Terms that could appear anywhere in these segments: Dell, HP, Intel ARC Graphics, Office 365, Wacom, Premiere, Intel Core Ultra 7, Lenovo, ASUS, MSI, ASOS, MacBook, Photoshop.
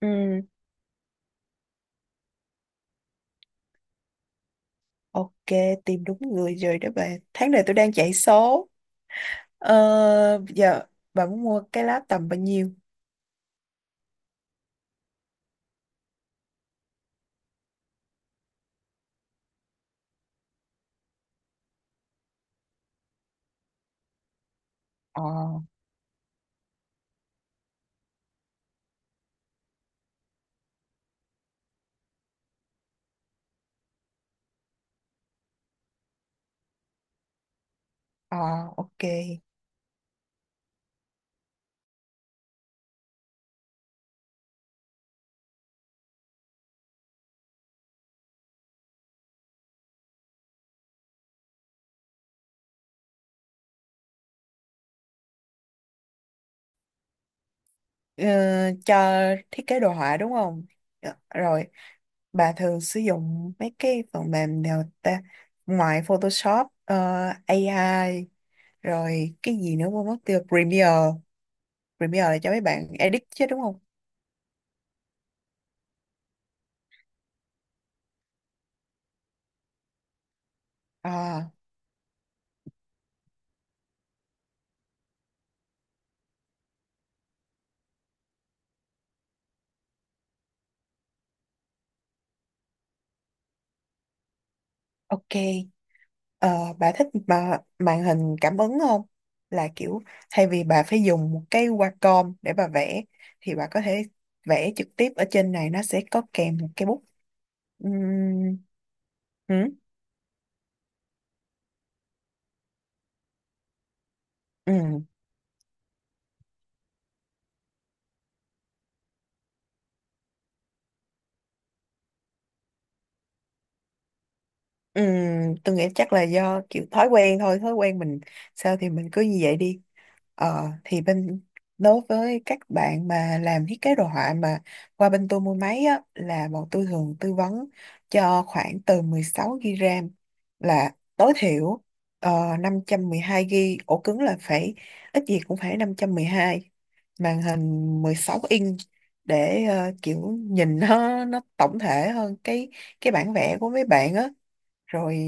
Ừ, ok, tìm đúng người rồi đó bạn. Tháng này tôi đang chạy số. Giờ bạn muốn mua cái lá tầm bao nhiêu? Ờ, ờ, ok. Ờ, cho thiết kế đồ họa đúng không? Dạ, rồi, bà thường sử dụng mấy cái phần mềm nào ta? Ngoài Photoshop, AI, rồi cái gì nữa quên mất tiêu, Premiere. Premiere là cho mấy bạn edit chứ đúng không? À, ok. Bà thích mà màn hình cảm ứng không? Là kiểu thay vì bà phải dùng một cái Wacom để bà vẽ thì bà có thể vẽ trực tiếp ở trên này, nó sẽ có kèm một cái bút. Ừm, ừ, ừ. Ừ, tôi nghĩ chắc là do kiểu thói quen thôi, thói quen mình sao thì mình cứ như vậy đi. Thì bên đối với các bạn mà làm thiết kế đồ họa mà qua bên tôi mua máy á, là bọn tôi thường tư vấn cho khoảng từ 16 GB RAM là tối thiểu, ờ, 512 GB, ổ cứng là phải ít gì cũng phải 512, màn hình 16 inch để kiểu nhìn nó tổng thể hơn cái bản vẽ của mấy bạn á. Rồi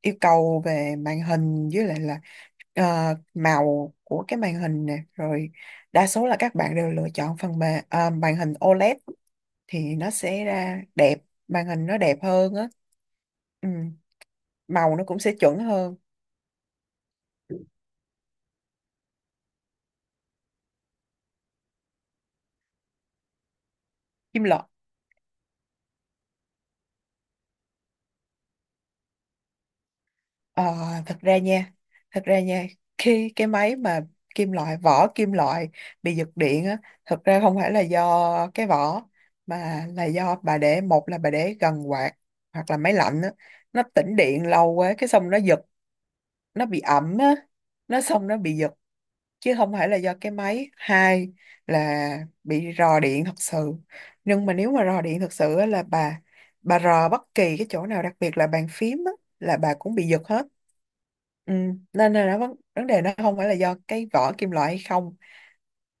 yêu cầu về màn hình với lại là màu của cái màn hình nè. Rồi đa số là các bạn đều lựa chọn phần mềm màn hình OLED thì nó sẽ ra đẹp, màn hình nó đẹp hơn á. Ừ, màu nó cũng sẽ chuẩn hơn. Kim loại. Ờ, thật ra nha, thật ra nha, khi cái máy mà kim loại, vỏ kim loại bị giật điện á, thật ra không phải là do cái vỏ, mà là do bà để, một là bà để gần quạt, hoặc là máy lạnh á, nó tĩnh điện lâu quá, cái xong nó giật, nó bị ẩm á, nó xong nó bị giật, chứ không phải là do cái máy. Hai là bị rò điện thật sự, nhưng mà nếu mà rò điện thật sự á, là bà rò bất kỳ cái chỗ nào, đặc biệt là bàn phím á, là bà cũng bị giật hết. Ừ. Nên là nó vấn đề nó không phải là do cái vỏ kim loại hay không,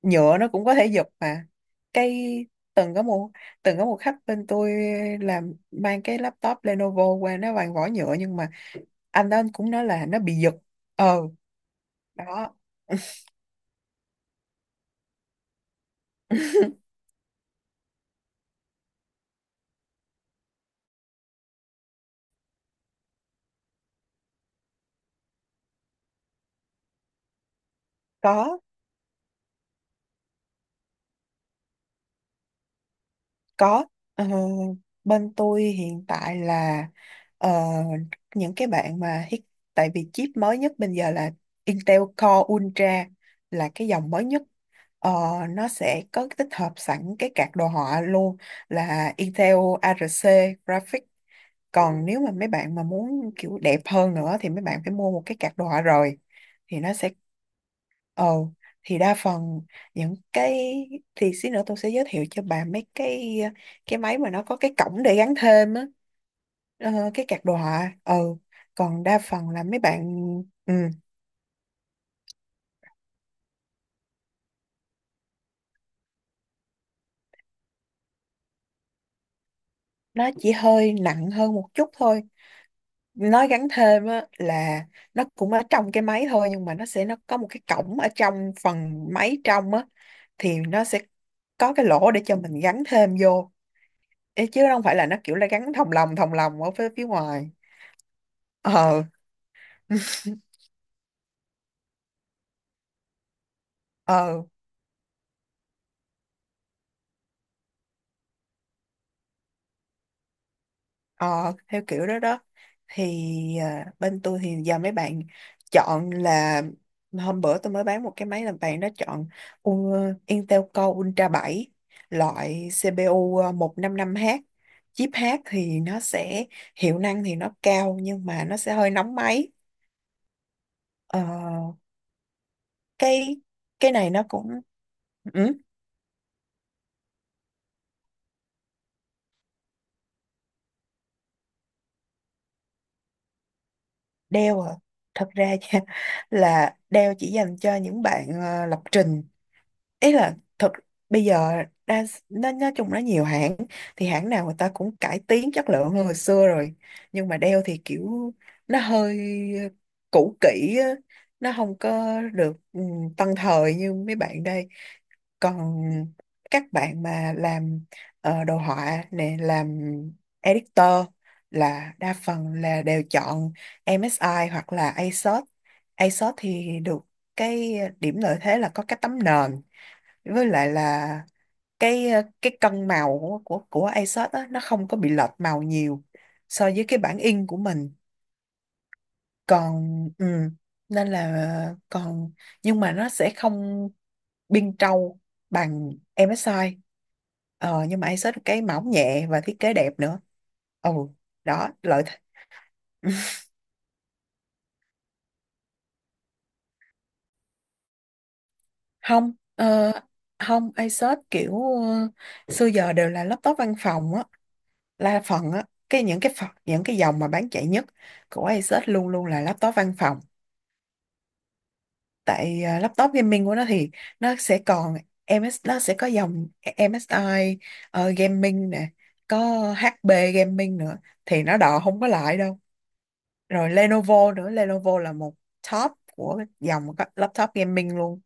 nhựa nó cũng có thể giật mà. Cái từng có một từng có một khách bên tôi làm, mang cái laptop Lenovo qua, nó bằng vỏ nhựa nhưng mà anh đó anh cũng nói là nó bị giật. Ờ, đó. có Có, ờ, bên tôi hiện tại là ờ, những cái bạn mà hit, tại vì chip mới nhất bây giờ là Intel Core Ultra, là cái dòng mới nhất. Ờ, nó sẽ có tích hợp sẵn cái card đồ họa luôn, là Intel ARC Graphics. Còn nếu mà mấy bạn mà muốn kiểu đẹp hơn nữa thì mấy bạn phải mua một cái card đồ họa rồi. Thì nó sẽ ờ thì đa phần những cái, thì xí nữa tôi sẽ giới thiệu cho bà mấy cái máy mà nó có cái cổng để gắn thêm á, cái card đồ họa. Ừ, còn đa phần là mấy bạn, ừ, nó chỉ hơi nặng hơn một chút thôi, nó gắn thêm á là nó cũng ở trong cái máy thôi, nhưng mà nó sẽ nó có một cái cổng ở trong phần máy trong á, thì nó sẽ có cái lỗ để cho mình gắn thêm vô. Ê, chứ không phải là nó kiểu là gắn thòng lồng ở phía phía ngoài. Ờ, ờ, ờ, theo kiểu đó đó, thì bên tôi thì giờ mấy bạn chọn là hôm bữa tôi mới bán một cái máy làm bạn nó chọn Intel Core Ultra 7 loại CPU 155H, chip H, thì nó sẽ hiệu năng thì nó cao nhưng mà nó sẽ hơi nóng máy. Ờ, cái cái này nó cũng ừ, Dell à, thật ra là Dell chỉ dành cho những bạn lập trình, ý là thật. Bây giờ đa, nó nói chung nó nhiều hãng, thì hãng nào người ta cũng cải tiến chất lượng hơn hồi xưa rồi nhưng mà đeo thì kiểu nó hơi cũ kỹ á, nó không có được ừ, tân thời như mấy bạn đây. Còn các bạn mà làm đồ họa nè, làm editor là đa phần là đều chọn MSI hoặc là ASOS. ASOS thì được cái điểm lợi thế là có cái tấm nền với lại là cái cái cân màu của ASUS á, nó không có bị lệch màu nhiều so với cái bản in của mình. Còn ừ, nên là còn nhưng mà nó sẽ không biên trâu bằng MSI. Ờ, nhưng mà ASUS cái mỏng nhẹ và thiết kế đẹp nữa. Ừ, đó lợi thế. Không không, ASUS kiểu xưa giờ đều là laptop văn phòng á, là phần á, cái những cái phần, những cái dòng mà bán chạy nhất của Asus luôn luôn là laptop văn phòng. Tại à, laptop gaming của nó thì nó sẽ còn MS, nó sẽ có dòng MSI gaming nè, có HP gaming nữa thì nó đò không có lại đâu. Rồi Lenovo nữa, Lenovo là một top của dòng các laptop gaming luôn.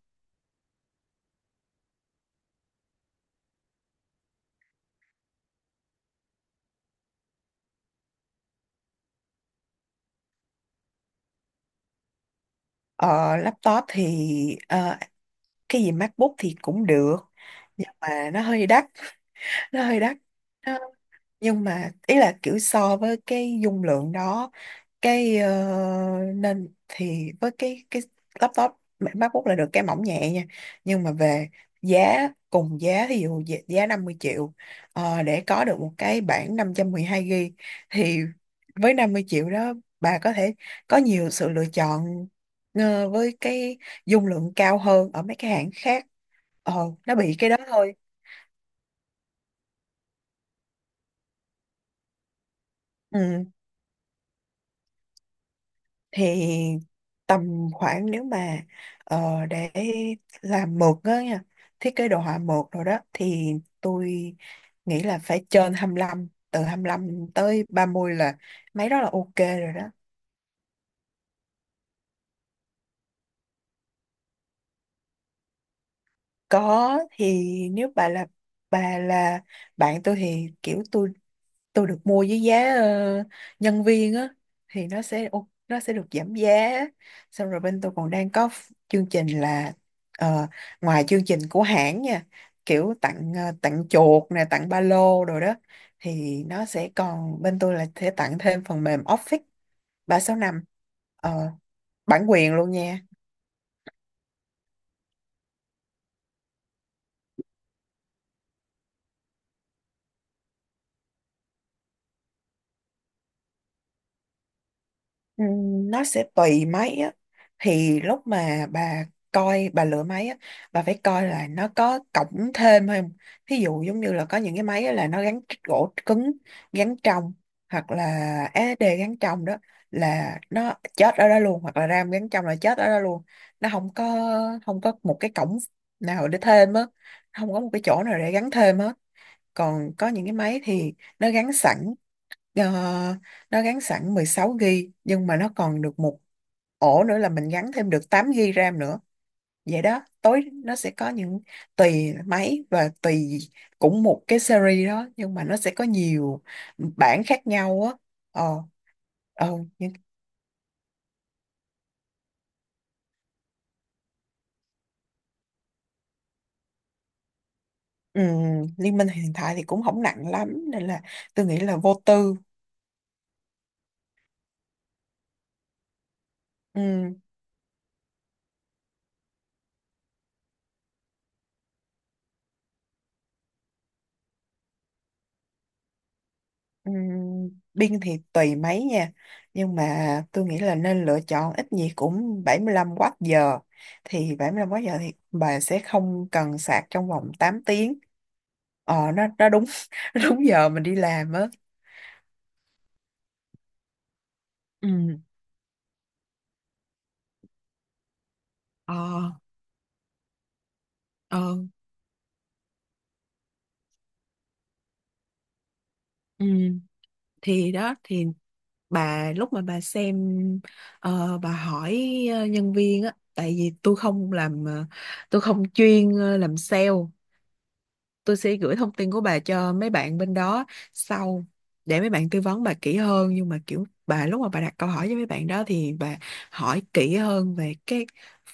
Ờ, laptop thì ờ, cái gì MacBook thì cũng được nhưng mà nó hơi đắt, nó hơi đắt, nhưng mà ý là kiểu so với cái dung lượng đó, cái ờ, nên thì với cái laptop MacBook là được cái mỏng nhẹ nha. Nhưng mà về giá cùng giá, ví dụ giá giá 50 triệu, để có được một cái bản 512 GB thì với 50 triệu đó, bà có thể có nhiều sự lựa chọn với cái dung lượng cao hơn ở mấy cái hãng khác. Ờ, nó bị cái đó thôi. Ừ, thì tầm khoảng nếu mà để làm mượt á nha, thiết kế đồ họa mượt rồi đó thì tôi nghĩ là phải trên 25, từ 25 tới 30 là mấy đó là ok rồi đó. Có, thì nếu bà là, bà là bạn tôi thì kiểu tôi được mua với giá nhân viên á, thì nó sẽ nó sẽ được giảm giá, xong rồi bên tôi còn đang có chương trình là ờ, ngoài chương trình của hãng nha, kiểu tặng tặng chuột nè, tặng ba lô rồi đó, thì nó sẽ còn bên tôi là sẽ tặng thêm phần mềm Office 365, uh, bản quyền luôn nha. Nó sẽ tùy máy á, thì lúc mà bà coi bà lựa máy á, bà phải coi là nó có cổng thêm không. Thí dụ giống như là có những cái máy á là nó gắn gỗ cứng gắn trong hoặc là SD gắn trong đó là nó chết ở đó luôn, hoặc là RAM gắn trong là chết ở đó luôn, nó không có không có một cái cổng nào để thêm á, không có một cái chỗ nào để gắn thêm á. Còn có những cái máy thì nó gắn sẵn. Ờ, nó gắn sẵn 16 GB nhưng mà nó còn được một ổ nữa là mình gắn thêm được 8 GB RAM nữa. Vậy đó, tối nó sẽ có những tùy máy và tùy cũng một cái series đó nhưng mà nó sẽ có nhiều bản khác nhau á. Ờ, ờ nhưng Liên minh hiện tại thì cũng không nặng lắm nên là tôi nghĩ là vô tư. Ừ. Ừm, Biên thì tùy mấy nha. Nhưng mà tôi nghĩ là nên lựa chọn ít gì cũng 75 Wh. Thì 75 Wh thì bà sẽ không cần sạc trong vòng 8 tiếng. Ờ nó đúng nó đúng giờ mình đi làm á. Ừ, ờ, ờ, ừ, thì đó thì bà lúc mà bà xem bà hỏi nhân viên á, tại vì tôi không làm tôi không chuyên làm sale. Tôi sẽ gửi thông tin của bà cho mấy bạn bên đó sau, để mấy bạn tư vấn bà kỹ hơn, nhưng mà kiểu bà lúc mà bà đặt câu hỏi với mấy bạn đó thì bà hỏi kỹ hơn về cái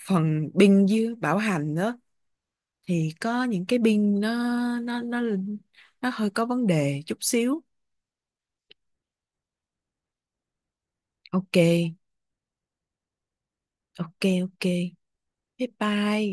phần pin với bảo hành đó, thì có những cái pin nó, nó nó nó hơi có vấn đề chút xíu. Ok, ok, ok, bye bye.